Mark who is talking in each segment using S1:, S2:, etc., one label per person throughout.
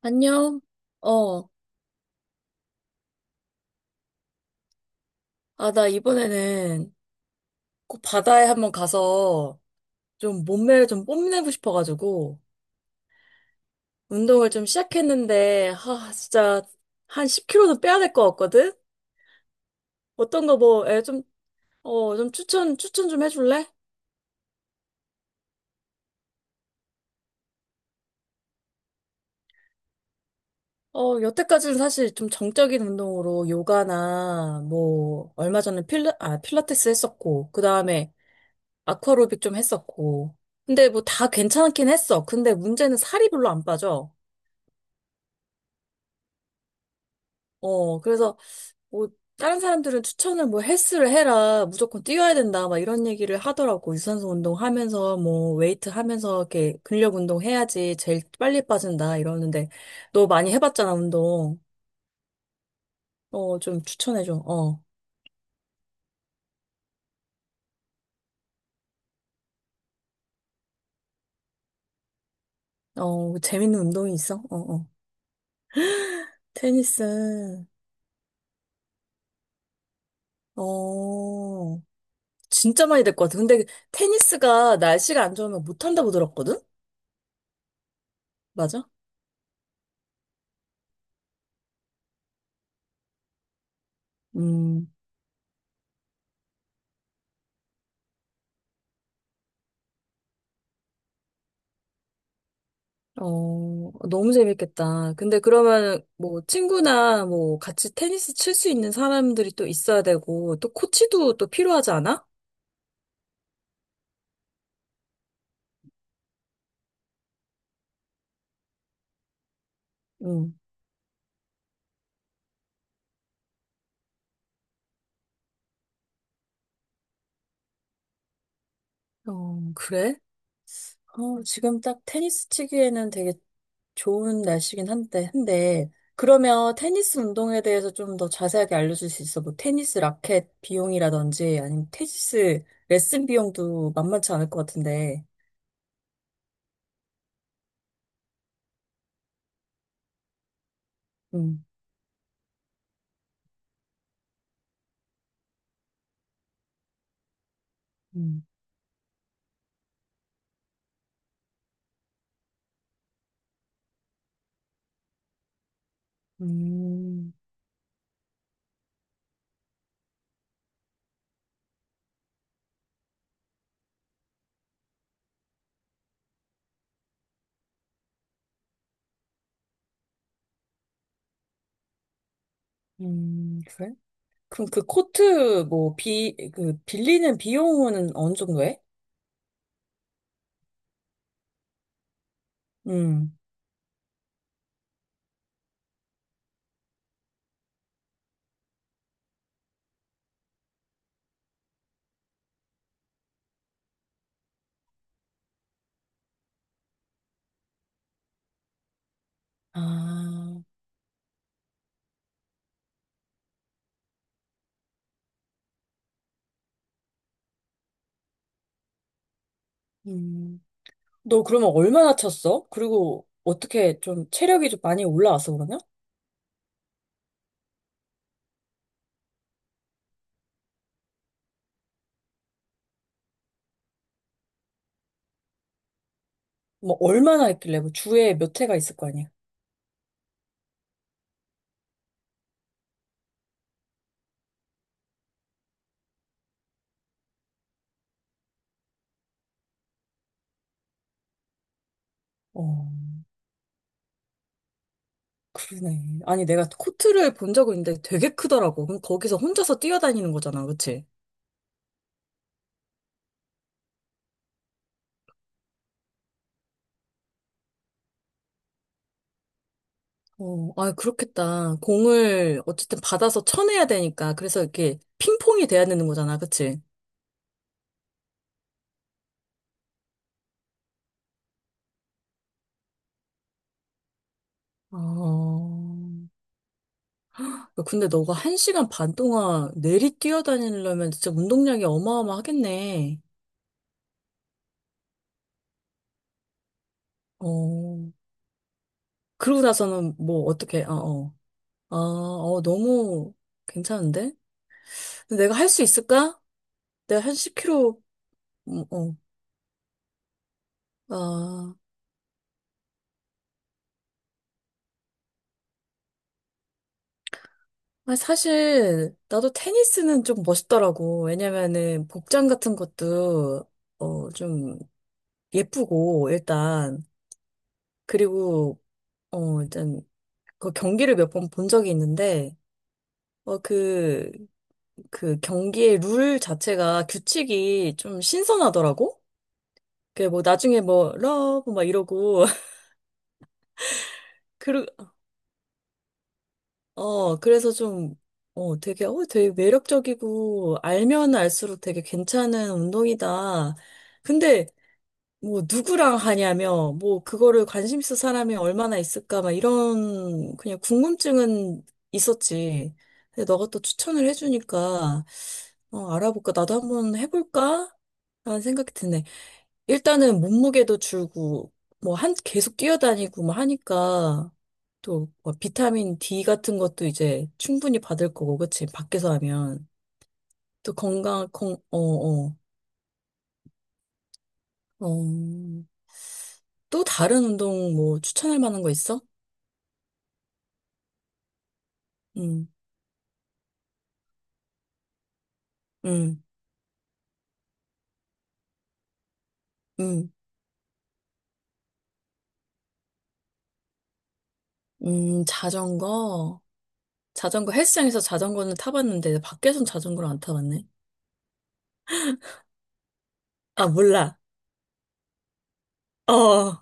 S1: 안녕? 어, 나 이번에는 꼭 바다에 한번 가서 좀 몸매를 좀 뽐내고 싶어가지고 운동을 좀 시작했는데, 진짜 한 10kg는 빼야 될 것 같거든? 어떤 거 뭐, 좀, 좀 추천 좀 해줄래? 여태까지는 사실 좀 정적인 운동으로 요가나 뭐, 얼마 전에 필라테스 했었고, 그 다음에 아쿠아로빅 좀 했었고. 근데 뭐 다 괜찮긴 했어. 근데 문제는 살이 별로 안 빠져. 그래서 뭐 다른 사람들은 추천을 뭐 헬스를 해라 무조건 뛰어야 된다 막 이런 얘기를 하더라고. 유산소 운동하면서 뭐 웨이트 하면서 이렇게 근력 운동 해야지 제일 빨리 빠진다 이러는데. 너 많이 해봤잖아 운동. 어, 좀 추천해줘. 어어, 재밌는 운동이 있어? 어어, 테니스. 어, 진짜 많이 될 것 같아. 근데 테니스가 날씨가 안 좋으면 못한다고 들었거든. 맞아? 음. 어, 너무 재밌겠다. 근데 그러면 뭐 친구나 뭐 같이 테니스 칠 수 있는 사람들이 또 있어야 되고 또 코치도 또 필요하지 않아? 응. 어, 그래? 어, 지금 딱 테니스 치기에는 되게 좋은 날씨긴 한데. 그러면 테니스 운동에 대해서 좀 더 자세하게 알려줄 수 있어? 뭐 테니스 라켓 비용이라든지 아니면 테니스 레슨 비용도 만만치 않을 것 같은데. 음, 음, 음, 그래? 그럼 그 코트 뭐 그 빌리는 비용은 어느 정도 해? 음. 아, 음. 너 그러면 얼마나 쳤어? 그리고 어떻게 좀 체력이 좀 많이 올라왔어 그러냐? 뭐 얼마나 했길래 뭐 주에 몇 회가 있을 거 아니야? 어, 그러네. 아니 내가 코트를 본 적은 있는데 되게 크더라고. 그럼 거기서 혼자서 뛰어다니는 거잖아, 그치? 어, 아, 그렇겠다. 공을 어쨌든 받아서 쳐내야 되니까. 그래서 이렇게 핑퐁이 돼야 되는 거잖아, 그치? 어. 근데 너가 한 시간 반 동안 내리 뛰어다니려면 진짜 운동량이 어마어마하겠네. 어, 그러고 나서는 뭐, 어떻게, 어, 어. 아, 어, 너무 괜찮은데? 근데 내가 할 수 있을까? 내가 한 10kg, 어, 아. 아니, 사실, 나도 테니스는 좀 멋있더라고. 왜냐면은, 복장 같은 것도, 어, 좀 예쁘고, 일단. 그리고, 어, 일단, 그 경기를 몇 번 본 적이 있는데, 어, 그, 그 경기의 룰 자체가 규칙이 좀 신선하더라고? 그 뭐 나중에 뭐 러브 막 이러고 그, 어, 그래서 좀, 어, 되게, 어, 되게 매력적이고 알면 알수록 되게 괜찮은 운동이다. 근데 뭐 누구랑 하냐며 뭐 그거를 관심 있을 사람이 얼마나 있을까 막 이런 그냥 궁금증은 있었지. 근데 너가 또 추천을 해주니까 어, 알아볼까? 나도 한번 해볼까? 라는 생각이 드네. 일단은 몸무게도 줄고, 뭐, 한, 계속 뛰어다니고, 뭐, 하니까, 또, 뭐 비타민 D 같은 것도 이제 충분히 받을 거고, 그치? 밖에서 하면. 또 건강, 건, 어, 어, 어. 또 다른 운동 뭐, 추천할 만한 거 있어? 음, 음, 음, 자전거. 자전거, 헬스장에서 자전거는 타봤는데, 밖에선 자전거를 안 타봤네. 아, 몰라. 어.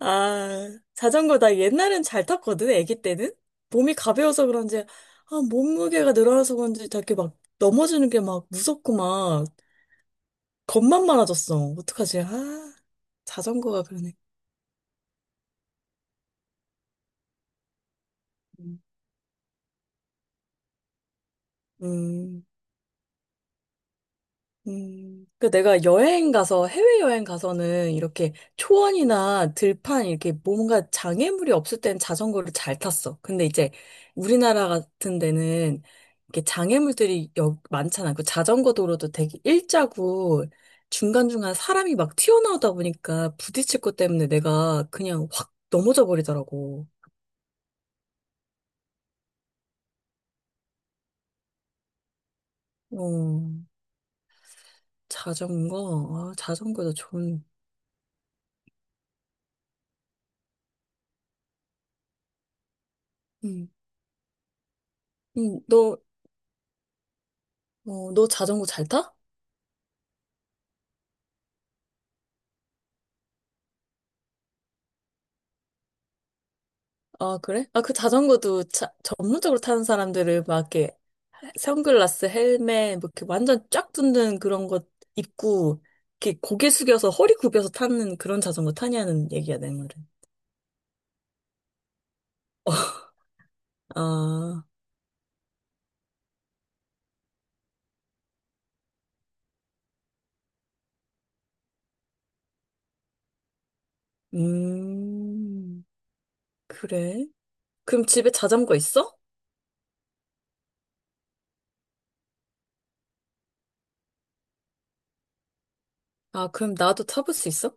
S1: 아, 자전거 나 옛날엔 잘 탔거든, 아기 때는. 몸이 가벼워서 그런지, 아, 몸무게가 늘어나서 그런지 다 이렇게 막 넘어지는 게 막 무섭고 막 겁만 많아졌어. 어떡하지? 아, 자전거가 그러네. 음. 그 내가 여행 가서, 해외여행 가서는 이렇게 초원이나 들판, 이렇게 뭔가 장애물이 없을 땐 자전거를 잘 탔어. 근데 이제 우리나라 같은 데는 이렇게 장애물들이 많잖아. 그 자전거 도로도 되게 일자고 중간중간 사람이 막 튀어나오다 보니까 부딪힐 것 때문에 내가 그냥 확 넘어져 버리더라고. 어, 자전거? 아, 자전거도 좋은. 음, 음, 너, 너 자전거 잘 타? 아, 그래? 아, 그 자전거도 자 전문적으로 타는 사람들은 막 이렇게 선글라스, 헬멧, 뭐 이렇게 완전 쫙 붙는 그런 것 입고, 이렇게 고개 숙여서 허리 굽혀서 타는 그런 자전거 타냐는 얘기야, 내 말은. 아, 음, 그래? 그럼 집에 자전거 있어? 아, 그럼 나도 타볼 수 있어?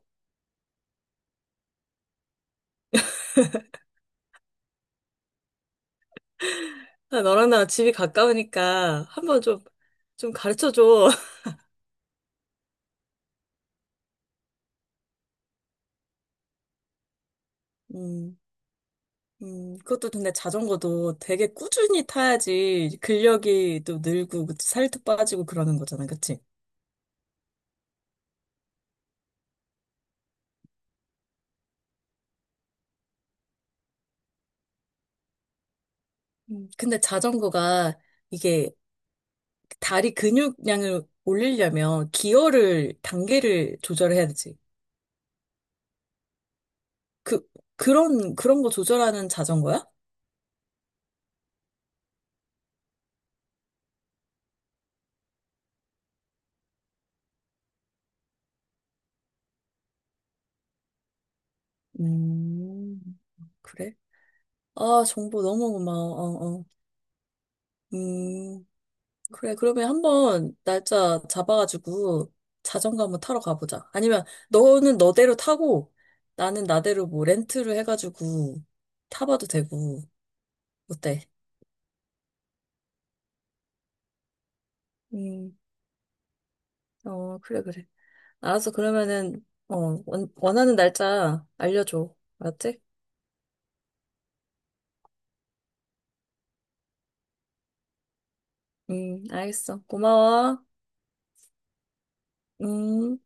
S1: 아, 너랑 나랑 집이 가까우니까 한번 좀, 좀 가르쳐줘. 음. 그것도 근데 자전거도 되게 꾸준히 타야지 근력이 또 늘고 그 살도 빠지고 그러는 거잖아, 그치? 근데 자전거가 이게 다리 근육량을 올리려면 기어를, 단계를 조절해야 되지. 그, 그런 거 조절하는 자전거야? 음, 그래? 아, 정보 너무 고마워. 어, 어. 음. 그래, 그러면 한번 날짜 잡아가지고 자전거 한번 타러 가보자. 아니면 너는 너대로 타고 나는 나대로 뭐 렌트를 해가지고 타봐도 되고, 어때? 음, 어, 그래, 그래. 알았어. 그러면은, 어, 원하는 날짜 알려줘. 알았지? 알겠어. 고마워. 음.